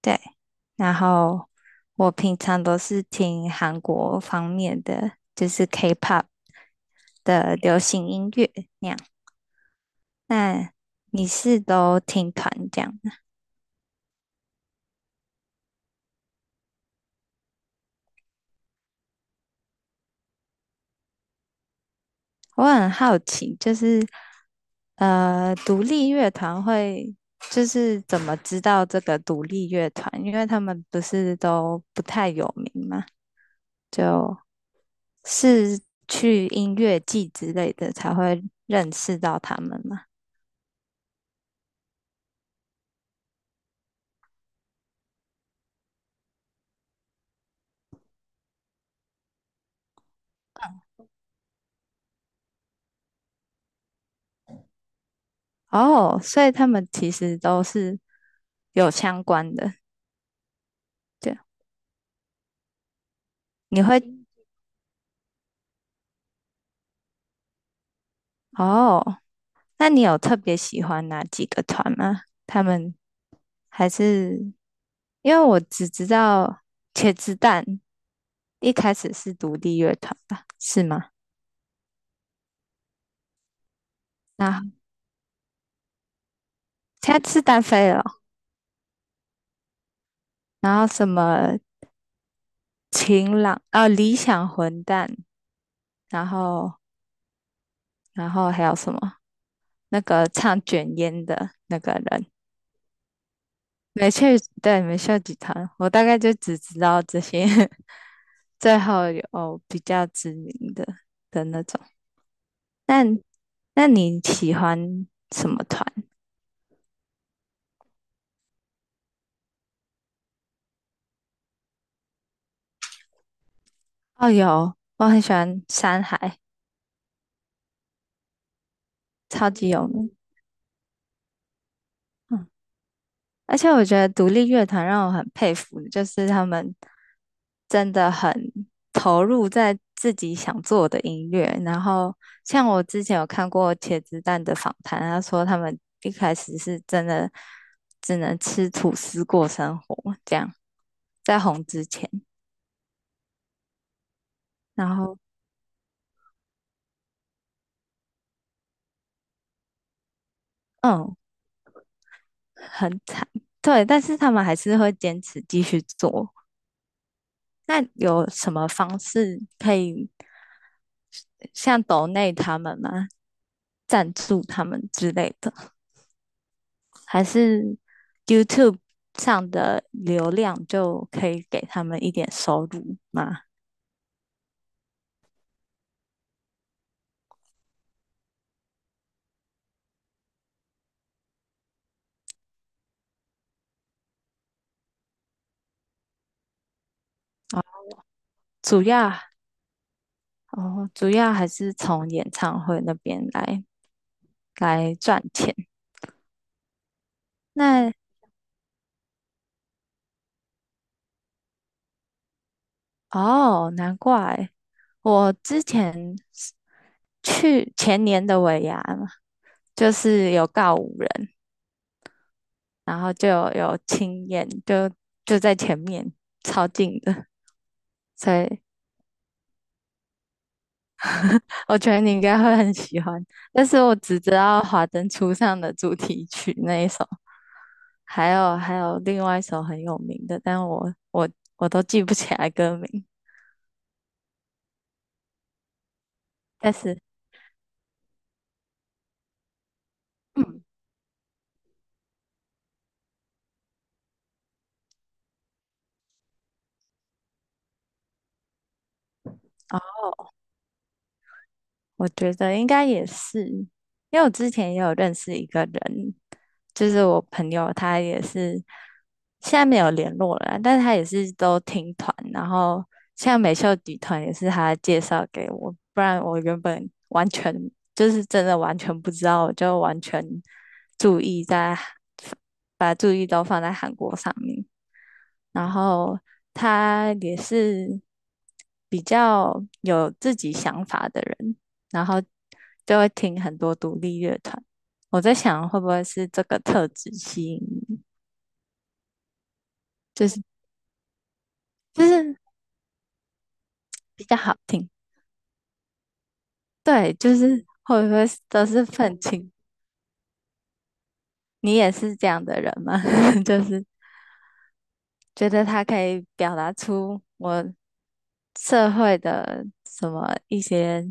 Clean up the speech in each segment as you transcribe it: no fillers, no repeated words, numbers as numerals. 对，然后我平常都是听韩国方面的，就是 K-pop 的流行音乐那样。那你是都听团这样的？我很好奇，就是独立乐团会就是怎么知道这个独立乐团？因为他们不是都不太有名嘛，就是去音乐季之类的才会认识到他们嘛。哦，所以他们其实都是有相关的。对啊，你会哦，那你有特别喜欢哪几个团吗？他们还是因为我只知道茄子蛋一开始是独立乐团吧，是吗？那现在是单飞了哦，然后什么晴朗啊、理想混蛋，然后然后还有什么那个唱卷烟的那个人。没去，对，没秀集团，我大概就只知道这些，最后有比较知名的那种。那那你喜欢什么团？哦，有，我很喜欢山海，超级有名。嗯而且我觉得独立乐团让我很佩服，就是他们真的很投入在自己想做的音乐。然后，像我之前有看过茄子蛋的访谈，他说他们一开始是真的只能吃吐司过生活，这样在红之前，然后嗯，很惨，对，但是他们还是会坚持继续做，那有什么方式可以像抖内他们吗？赞助他们之类的，还是 YouTube 上的流量就可以给他们一点收入吗？主要哦，主要还是从演唱会那边来赚钱。那哦，难怪我之前是去前年的尾牙嘛，就是有告五人，然后就有亲眼，就在前面，超近的，所以我觉得你应该会很喜欢。但是我只知道《华灯初上》的主题曲那一首，还有另外一首很有名的，但我都记不起来歌名。但是，嗯，哦，我觉得应该也是，因为我之前也有认识一个人，就是我朋友，他也是现在没有联络了啊，但是他也是都听团，然后像美秀底团也是他介绍给我，不然我原本完全就是真的完全不知道，我就完全注意在把注意都放在韩国上面。然后他也是比较有自己想法的人，然后就会听很多独立乐团。我在想，会不会是这个特质吸引你，就是就是比较好听，对，就是会不会都是愤青？你也是这样的人吗？就是觉得他可以表达出我社会的什么一些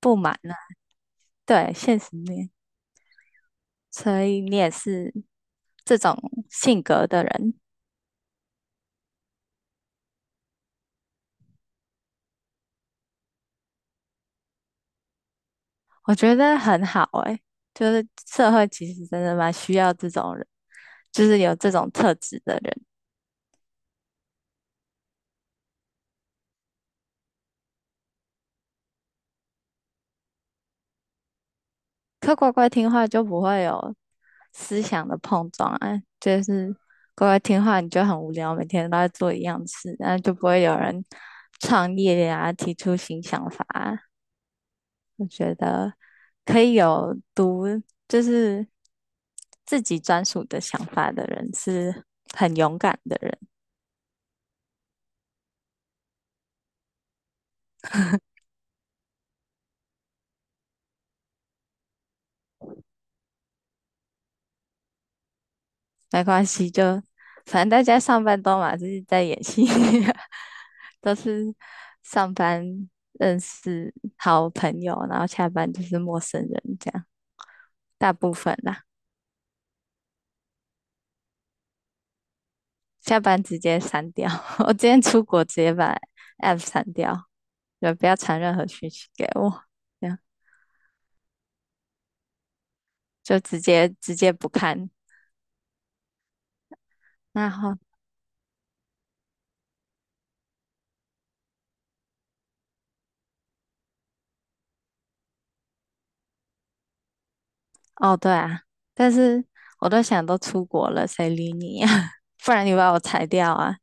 不满呢、对，现实面，所以你也是这种性格的人，我觉得很好诶、就是社会其实真的蛮需要这种人，就是有这种特质的人。可乖乖听话就不会有思想的碰撞啊，就是乖乖听话你就很无聊，每天都在做一样的事，那就不会有人创业呀，提出新想法啊，我觉得可以有独，就是自己专属的想法的人是很勇敢的人，没关系，就反正大家上班都嘛，就是在演戏，都是上班认识好朋友，然后下班就是陌生人这样，大部分啦，下班直接删掉。我今天出国直接把 app 删掉，就不要传任何讯息给我，这样就直接不看。那好。哦，对啊，但是我都想都出国了，谁理你呀、不然你把我裁掉啊？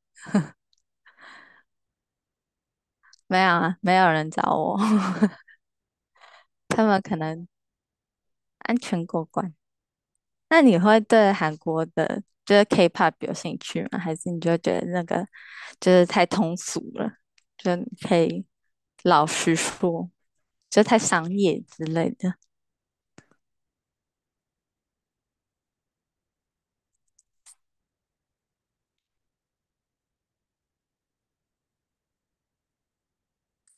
没有啊，没有人找我，他们可能安全过关。那你会对韩国的，就是 K-pop 有兴趣吗？还是你就觉得那个就是太通俗了，就你可以老实说，就太商业之类的？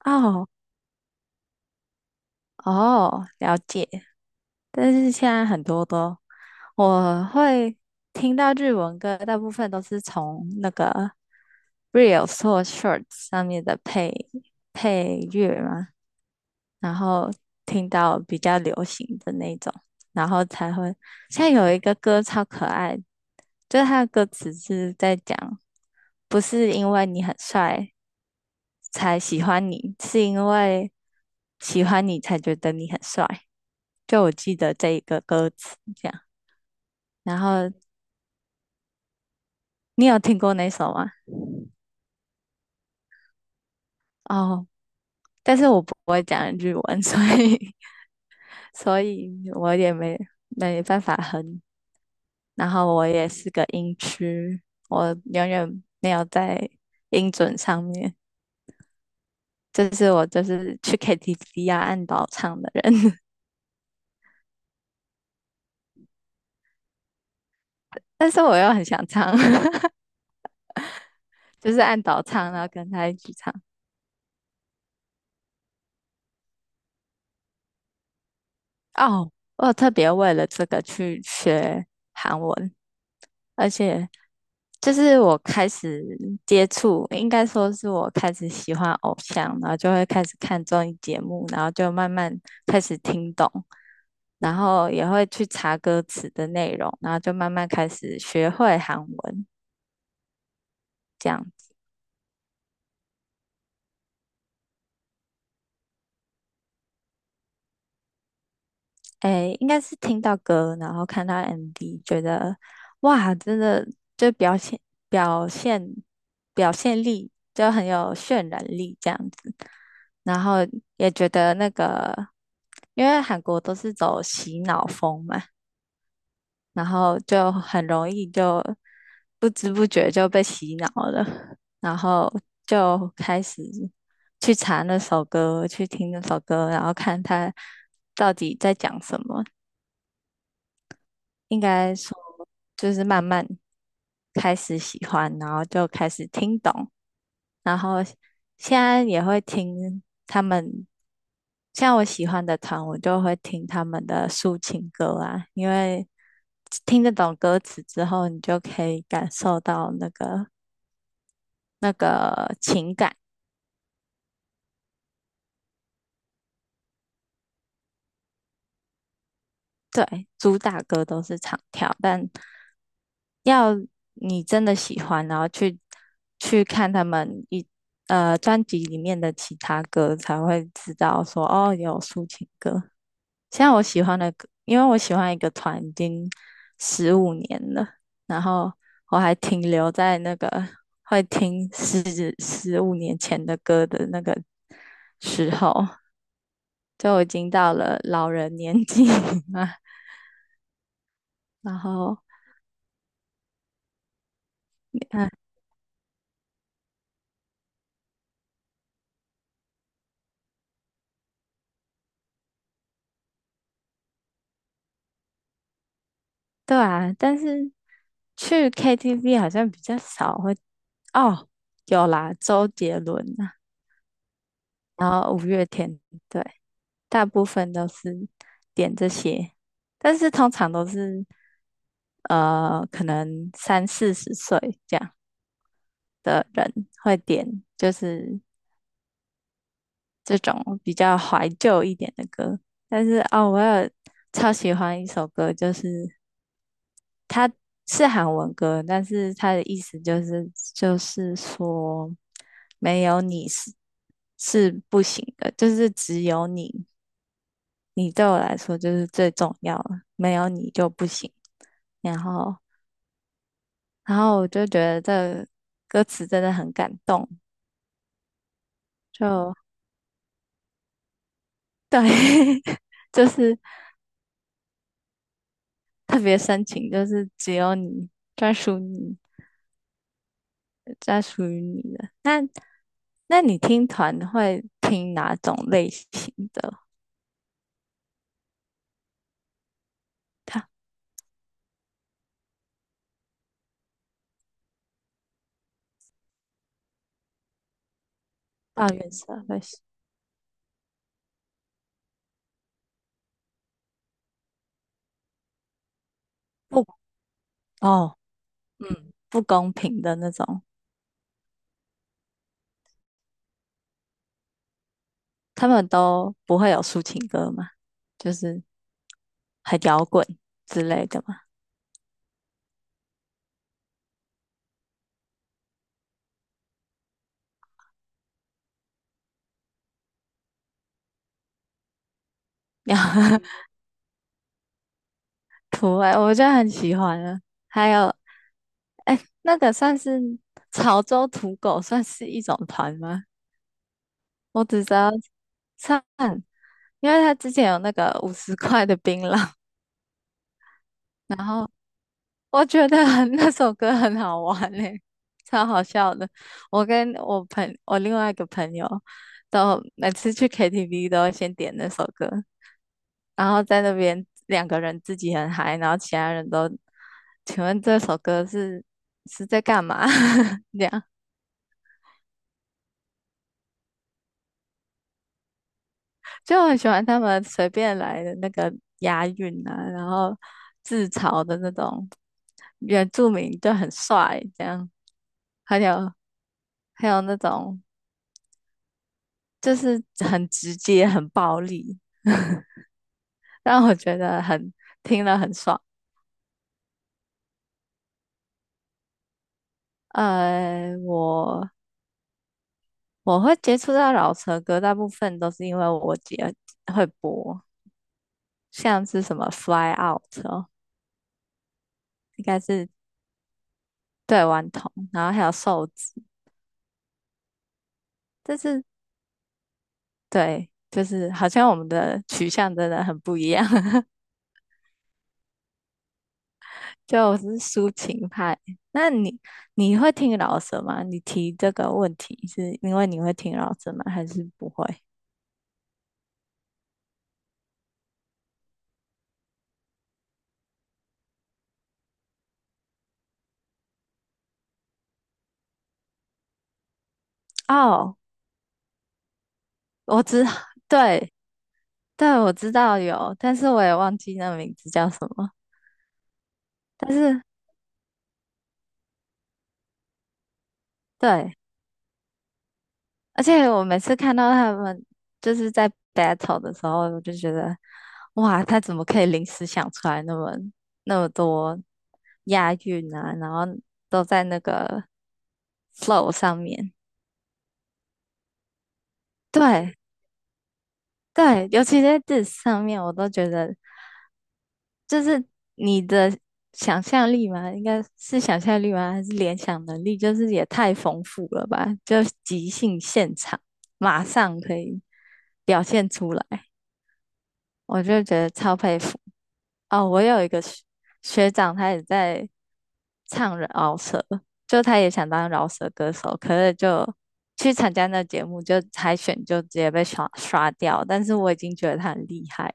哦哦，了解。但是现在很多都我会听到日文歌，大部分都是从那个 Reels 或 Shorts 上面的配乐嘛，然后听到比较流行的那种，然后才会。现在有一个歌超可爱，就是它的歌词是在讲，不是因为你很帅才喜欢你，是因为喜欢你才觉得你很帅。就我记得这一个歌词这样。然后你有听过那首吗？哦，但是我不会讲日文，所以 所以我也没办法哼。然后我也是个音痴，我永远没有在音准上面。就是我就是去 KTV 啊按倒唱的人，但是我又很想唱，就是按倒唱，然后跟他一起唱。哦，我有特别为了这个去学韩文，而且就是我开始接触，应该说是我开始喜欢偶像，然后就会开始看综艺节目，然后就慢慢开始听懂，然后也会去查歌词的内容，然后就慢慢开始学会韩文，这样，诶，应该是听到歌，然后看到 MV,觉得哇，真的就表现表现力就很有渲染力，这样子。然后也觉得那个，因为韩国都是走洗脑风嘛，然后就很容易就不知不觉就被洗脑了，然后就开始去查那首歌，去听那首歌，然后看他到底在讲什么。应该说，就是慢慢开始喜欢，然后就开始听懂。然后现在也会听他们，像我喜欢的团，我就会听他们的抒情歌啊，因为听得懂歌词之后，你就可以感受到那个情感。对，主打歌都是唱跳，但要你真的喜欢，然后去看他们专辑里面的其他歌，才会知道说哦，有抒情歌。现在我喜欢的歌，因为我喜欢一个团已经十五年了，然后我还停留在那个会听十五年前的歌的那个时候，就我已经到了老人年纪嘛。然后，嗯，对啊，但是去 KTV 好像比较少会，哦，有啦，周杰伦啊，然后五月天，对，大部分都是点这些，但是通常都是。可能三四十岁这样的人会点，就是这种比较怀旧一点的歌。但是哦，我有超喜欢一首歌，就是它是韩文歌，但是它的意思就是就是说没有你是不行的，就是只有你，你对我来说就是最重要了，没有你就不行。然后，然后我就觉得这歌词真的很感动，就对，就是特别深情，就是只有你专属你，专属于你的。那你听团会听哪种类型的抱怨社会是不哦，嗯，不公平的那种，他们都不会有抒情歌嘛，就是很摇滚之类的嘛。土味，我就很喜欢了。还有，哎，那个算是潮州土狗，算是一种团吗？我只知道唱，因为他之前有那个50块的槟榔，然后我觉得很 那首歌很好玩嘞、超好笑的。我跟我另外一个朋友都每次去 KTV 都会先点那首歌，然后在那边两个人自己很嗨，然后其他人都，请问这首歌是在干嘛？这样就很喜欢他们随便来的那个押韵啊，然后自嘲的那种原住民就很帅，这样，还有还有那种就是很直接、很暴力，让我觉得很听了很爽。呃，我我会接触到老车歌，大部分都是因为我姐会播，像是什么《Fly Out》哦，应该是对顽童，然后还有瘦子，但是对，就是好像我们的取向真的很不一样，就我是抒情派。那你你会听老舌吗？你提这个问题是因为你会听老舌吗？还是不会？哦，我知，对对，我知道有，但是我也忘记那名字叫什么，但是。对，而且我每次看到他们就是在 battle 的时候，我就觉得，哇，他怎么可以临时想出来那么多押韵啊，然后都在那个 flow 上面。对对，尤其在这上面，我都觉得，就是你的想象力嘛，应该是想象力吗？还是联想能力？就是也太丰富了吧，就即兴现场，马上可以表现出来。我就觉得超佩服。哦，我有一个学长，他也在唱饶舌，就他也想当饶舌歌手，可是就去参加那节目，就海选就直接被刷掉。但是我已经觉得他很厉害，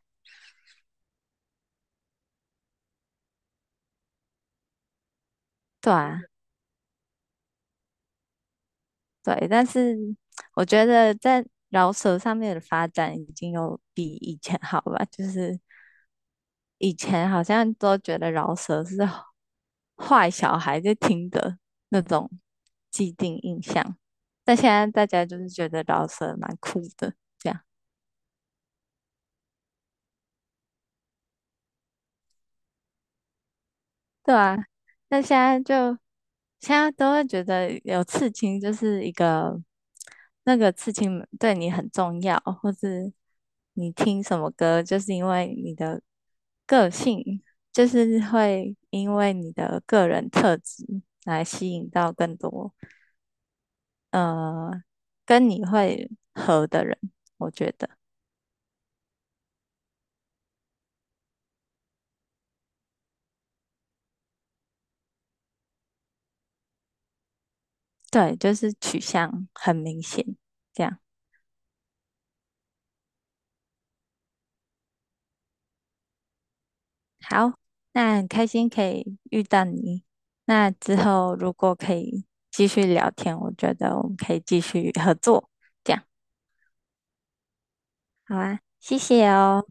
对啊，对。但是我觉得在饶舌上面的发展已经有比以前好吧，就是。以前好像都觉得饶舌是坏小孩在听的那种既定印象，但现在大家就是觉得饶舌蛮酷的，这样对啊。那现在就现在都会觉得有刺青就是一个，那个刺青对你很重要，或是你听什么歌，就是因为你的个性，就是会因为你的个人特质来吸引到更多。呃，跟你会合的人，我觉得对，就是取向很明显。这样好，那很开心可以遇到你。那之后如果可以继续聊天，我觉得我们可以继续合作。这样好啊，谢谢哦。